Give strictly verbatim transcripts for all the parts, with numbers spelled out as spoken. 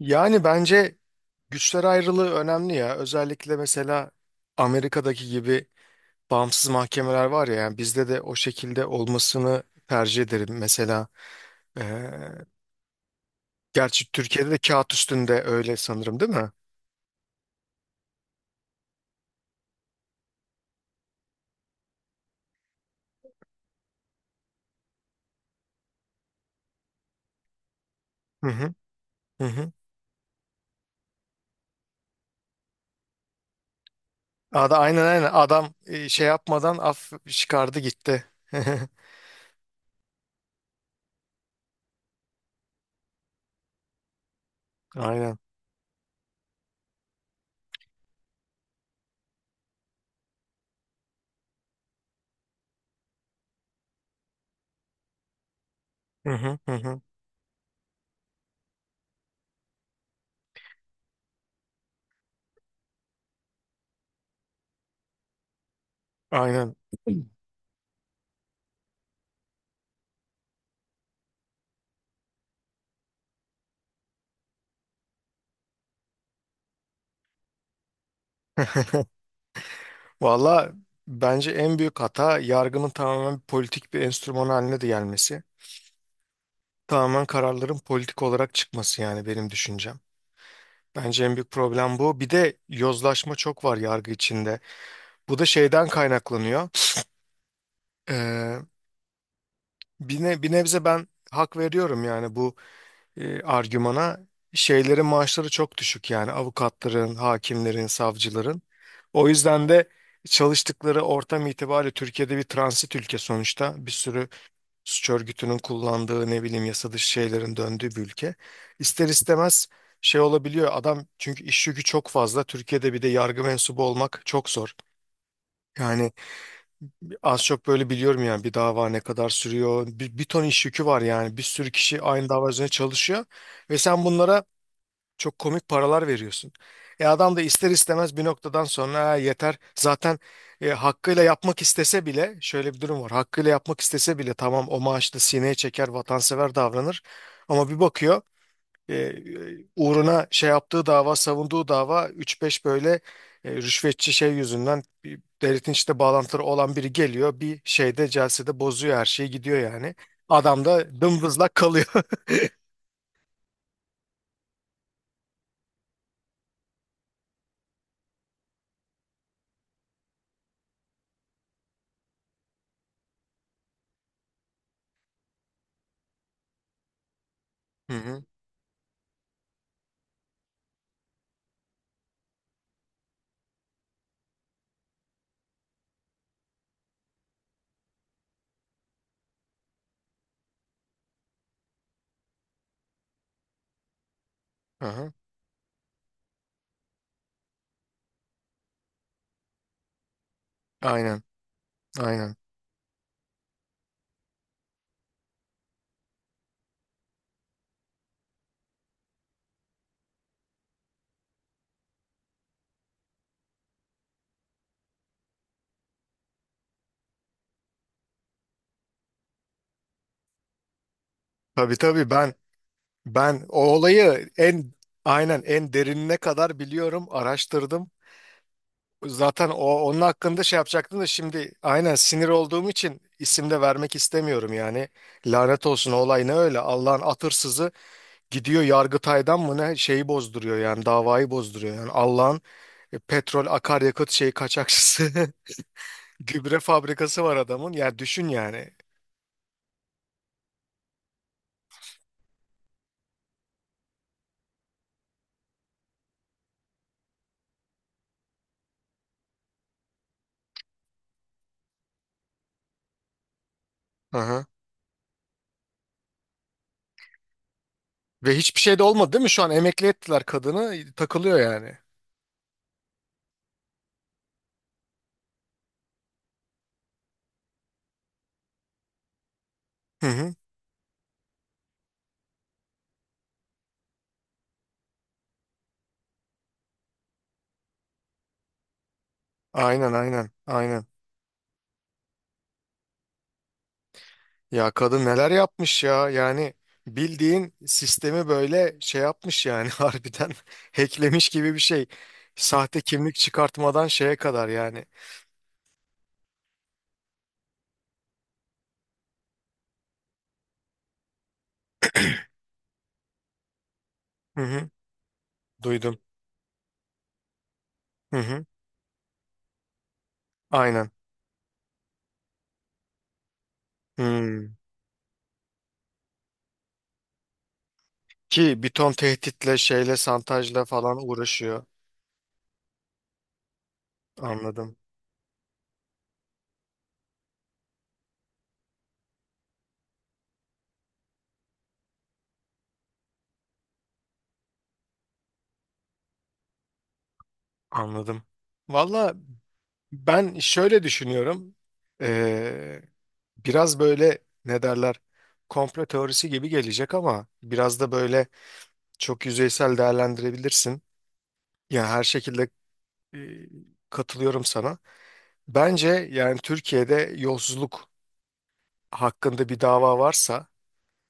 Yani bence güçler ayrılığı önemli ya. Özellikle mesela Amerika'daki gibi bağımsız mahkemeler var ya. Yani bizde de o şekilde olmasını tercih ederim. Mesela e, gerçi Türkiye'de de kağıt üstünde öyle sanırım, değil mi? Hı hı. Hı hı. Ada, aynen aynen, adam e, şey yapmadan af çıkardı gitti. Aynen. Hı hı hı hı. Aynen. Valla bence en büyük hata yargının tamamen politik bir enstrüman haline de gelmesi. Tamamen kararların politik olarak çıkması, yani benim düşüncem. Bence en büyük problem bu. Bir de yozlaşma çok var yargı içinde. Bu da şeyden kaynaklanıyor. Ee, bir, ne- Bir nebze ben hak veriyorum, yani bu e, argümana. Şeylerin maaşları çok düşük, yani avukatların, hakimlerin, savcıların. O yüzden de çalıştıkları ortam itibariyle Türkiye'de bir transit ülke sonuçta. Bir sürü suç örgütünün kullandığı, ne bileyim, yasa dışı şeylerin döndüğü bir ülke. İster istemez şey olabiliyor adam, çünkü iş yükü çok fazla. Türkiye'de bir de yargı mensubu olmak çok zor. Yani az çok böyle biliyorum, yani bir dava ne kadar sürüyor. Bir, bir ton iş yükü var, yani bir sürü kişi aynı dava üzerine çalışıyor. Ve sen bunlara çok komik paralar veriyorsun. E adam da ister istemez bir noktadan sonra "Ha, yeter. Zaten e, hakkıyla yapmak istese bile şöyle bir durum var. Hakkıyla yapmak istese bile tamam, o maaşla sineye çeker, vatansever davranır. Ama bir bakıyor, e, e, uğruna şey yaptığı dava, savunduğu dava üç beş böyle e, rüşvetçi şey yüzünden bir devletin işte bağlantıları olan biri geliyor. Bir şeyde, celsede bozuyor her şeyi, gidiyor yani. Adam da dımdızlak kalıyor. Hı hı. Aha. Aynen. Aynen. Tabii tabii, ben ben o olayı en aynen en derinine kadar biliyorum, araştırdım. Zaten o onun hakkında şey yapacaktım da şimdi, aynen, sinir olduğum için isim de vermek istemiyorum yani. Lanet olsun, o olay ne öyle, Allah'ın atırsızı gidiyor Yargıtay'dan mı ne şeyi bozduruyor, yani davayı bozduruyor, yani Allah'ın e, petrol akaryakıt şeyi kaçakçısı, gübre fabrikası var adamın, yani düşün yani. Aha. Ve hiçbir şey de olmadı, değil mi? Şu an emekli ettiler kadını, takılıyor yani. Hı hı. Aynen aynen aynen. Ya kadın neler yapmış ya, yani bildiğin sistemi böyle şey yapmış yani, harbiden hacklemiş gibi bir şey. Sahte kimlik çıkartmadan şeye kadar yani. Hı hı, duydum. Hı hı, aynen. Hmm. Ki bir ton tehditle, şeyle, santajla falan uğraşıyor. Anladım, anladım. Valla ben şöyle düşünüyorum. Ee, Biraz böyle, ne derler, komplo teorisi gibi gelecek ama biraz da böyle. Çok yüzeysel değerlendirebilirsin. Yani her şekilde e, katılıyorum sana. Bence yani Türkiye'de yolsuzluk hakkında bir dava varsa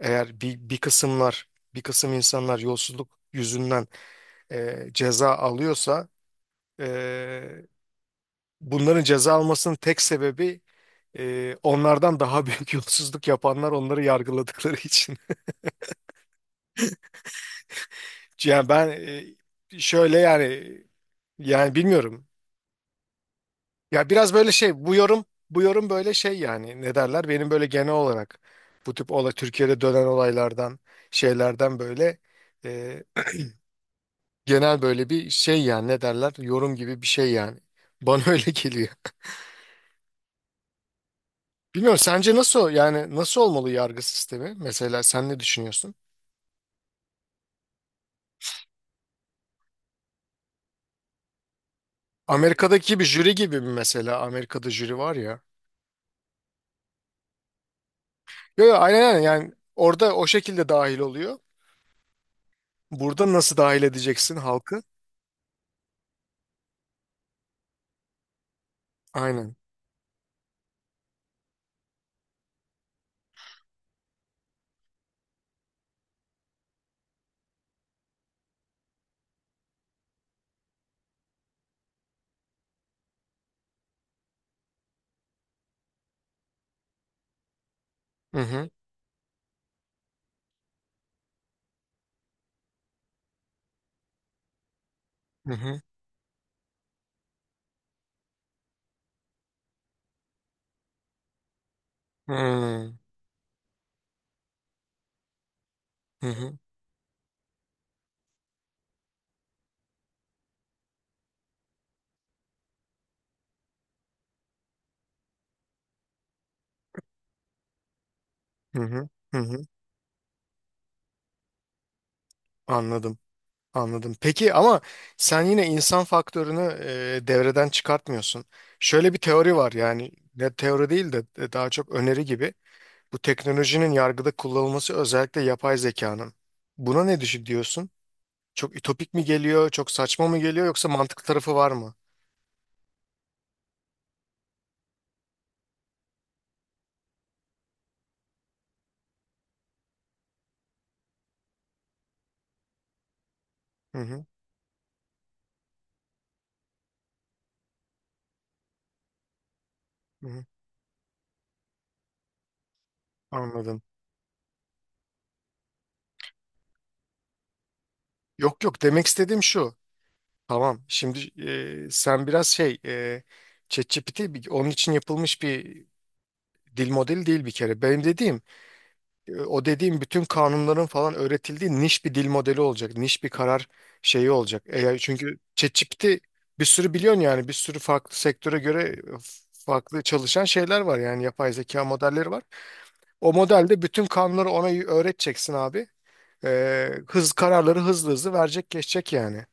eğer, bir, bir kısımlar, bir kısım insanlar yolsuzluk yüzünden e, ceza alıyorsa, e, bunların ceza almasının tek sebebi e, onlardan daha büyük yolsuzluk yapanlar onları yargıladıkları için. Yani ben e, şöyle yani yani bilmiyorum. Ya biraz böyle şey, bu yorum bu yorum böyle şey yani, ne derler, benim böyle genel olarak bu tip olay Türkiye'de dönen olaylardan, şeylerden böyle e, genel böyle bir şey yani, ne derler, yorum gibi bir şey yani, bana öyle geliyor. Bilmiyorum, sence nasıl, yani nasıl olmalı yargı sistemi, mesela sen ne düşünüyorsun? Amerika'daki bir jüri gibi mi mesela? Amerika'da jüri var ya. Yo yo, aynen aynen. Yani orada o şekilde dahil oluyor. Burada nasıl dahil edeceksin halkı? Aynen. Hı hı. Hı hı. Hmm. Hı hı, hı hı, hı hı. Anladım, anladım. Peki ama sen yine insan faktörünü e, devreden çıkartmıyorsun. Şöyle bir teori var, yani ne teori değil de e, daha çok öneri gibi. Bu teknolojinin yargıda kullanılması, özellikle yapay zekanın. Buna ne düşün diyorsun? Çok ütopik mi geliyor, çok saçma mı geliyor, yoksa mantıklı tarafı var mı? Hı hı, hı hı. Anladım. Yok yok, demek istediğim şu. Tamam şimdi, e, sen biraz şey, e, ChatGPT bir- onun için yapılmış bir dil modeli değil bir kere. Benim dediğim e, o dediğim, bütün kanunların falan öğretildiği niş bir dil modeli olacak. Niş bir karar şeyi olacak. E, çünkü ChatGPT bir sürü biliyorsun, yani bir sürü farklı sektöre göre e, farklı çalışan şeyler var, yani yapay zeka modelleri var. O modelde bütün kanunları ona y- öğreteceksin abi. E, hız Kararları hızlı hızlı verecek, geçecek yani.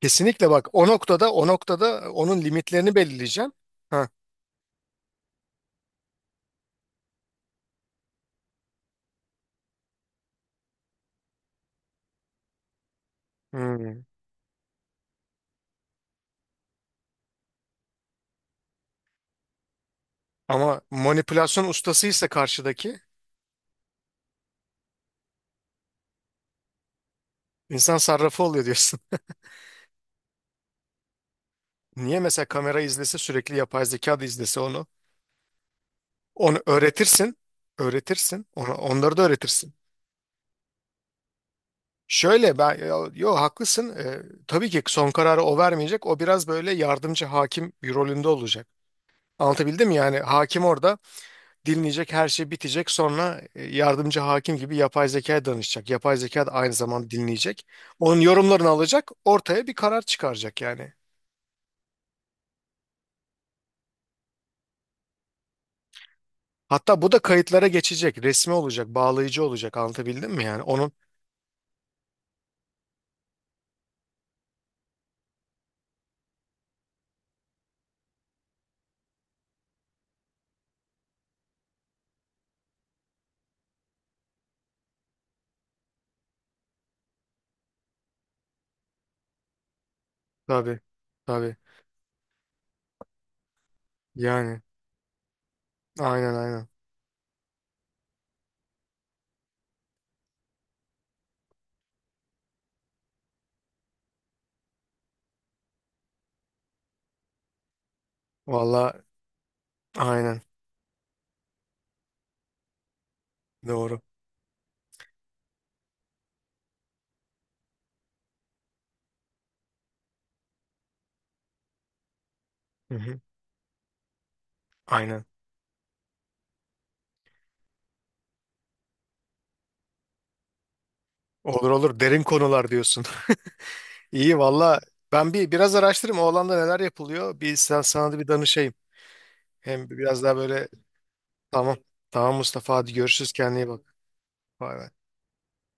Kesinlikle, bak, o noktada, o noktada onun limitlerini belirleyeceğim. Ha. Hmm. Ama manipülasyon ustasıysa karşıdaki. İnsan sarrafı oluyor diyorsun. Niye mesela kamera izlese sürekli, yapay zeka da izlese onu. Onu öğretirsin. Öğretirsin. Onu, onları da öğretirsin. Şöyle ben, yo, yo, haklısın. Ee, tabii ki son kararı o vermeyecek. O biraz böyle yardımcı hakim bir rolünde olacak. Anlatabildim mi? Yani hakim orada dinleyecek, her şey bitecek, sonra e, yardımcı hakim gibi yapay zekaya danışacak. Yapay zeka da aynı zamanda dinleyecek. Onun yorumlarını alacak, ortaya bir karar çıkaracak yani. Hatta bu da kayıtlara geçecek. Resmi olacak, bağlayıcı olacak. Anlatabildim mi yani? Onun tabii tabii, yani aynen aynen. Valla, aynen, doğru. Hı hı. Aynen. Olur olur, derin konular diyorsun. İyi valla, ben bir biraz araştırayım o alanda neler yapılıyor. Bir sen, sana da bir danışayım. Hem biraz daha böyle, tamam. Tamam Mustafa, hadi görüşürüz, kendine iyi bak. Bay bay.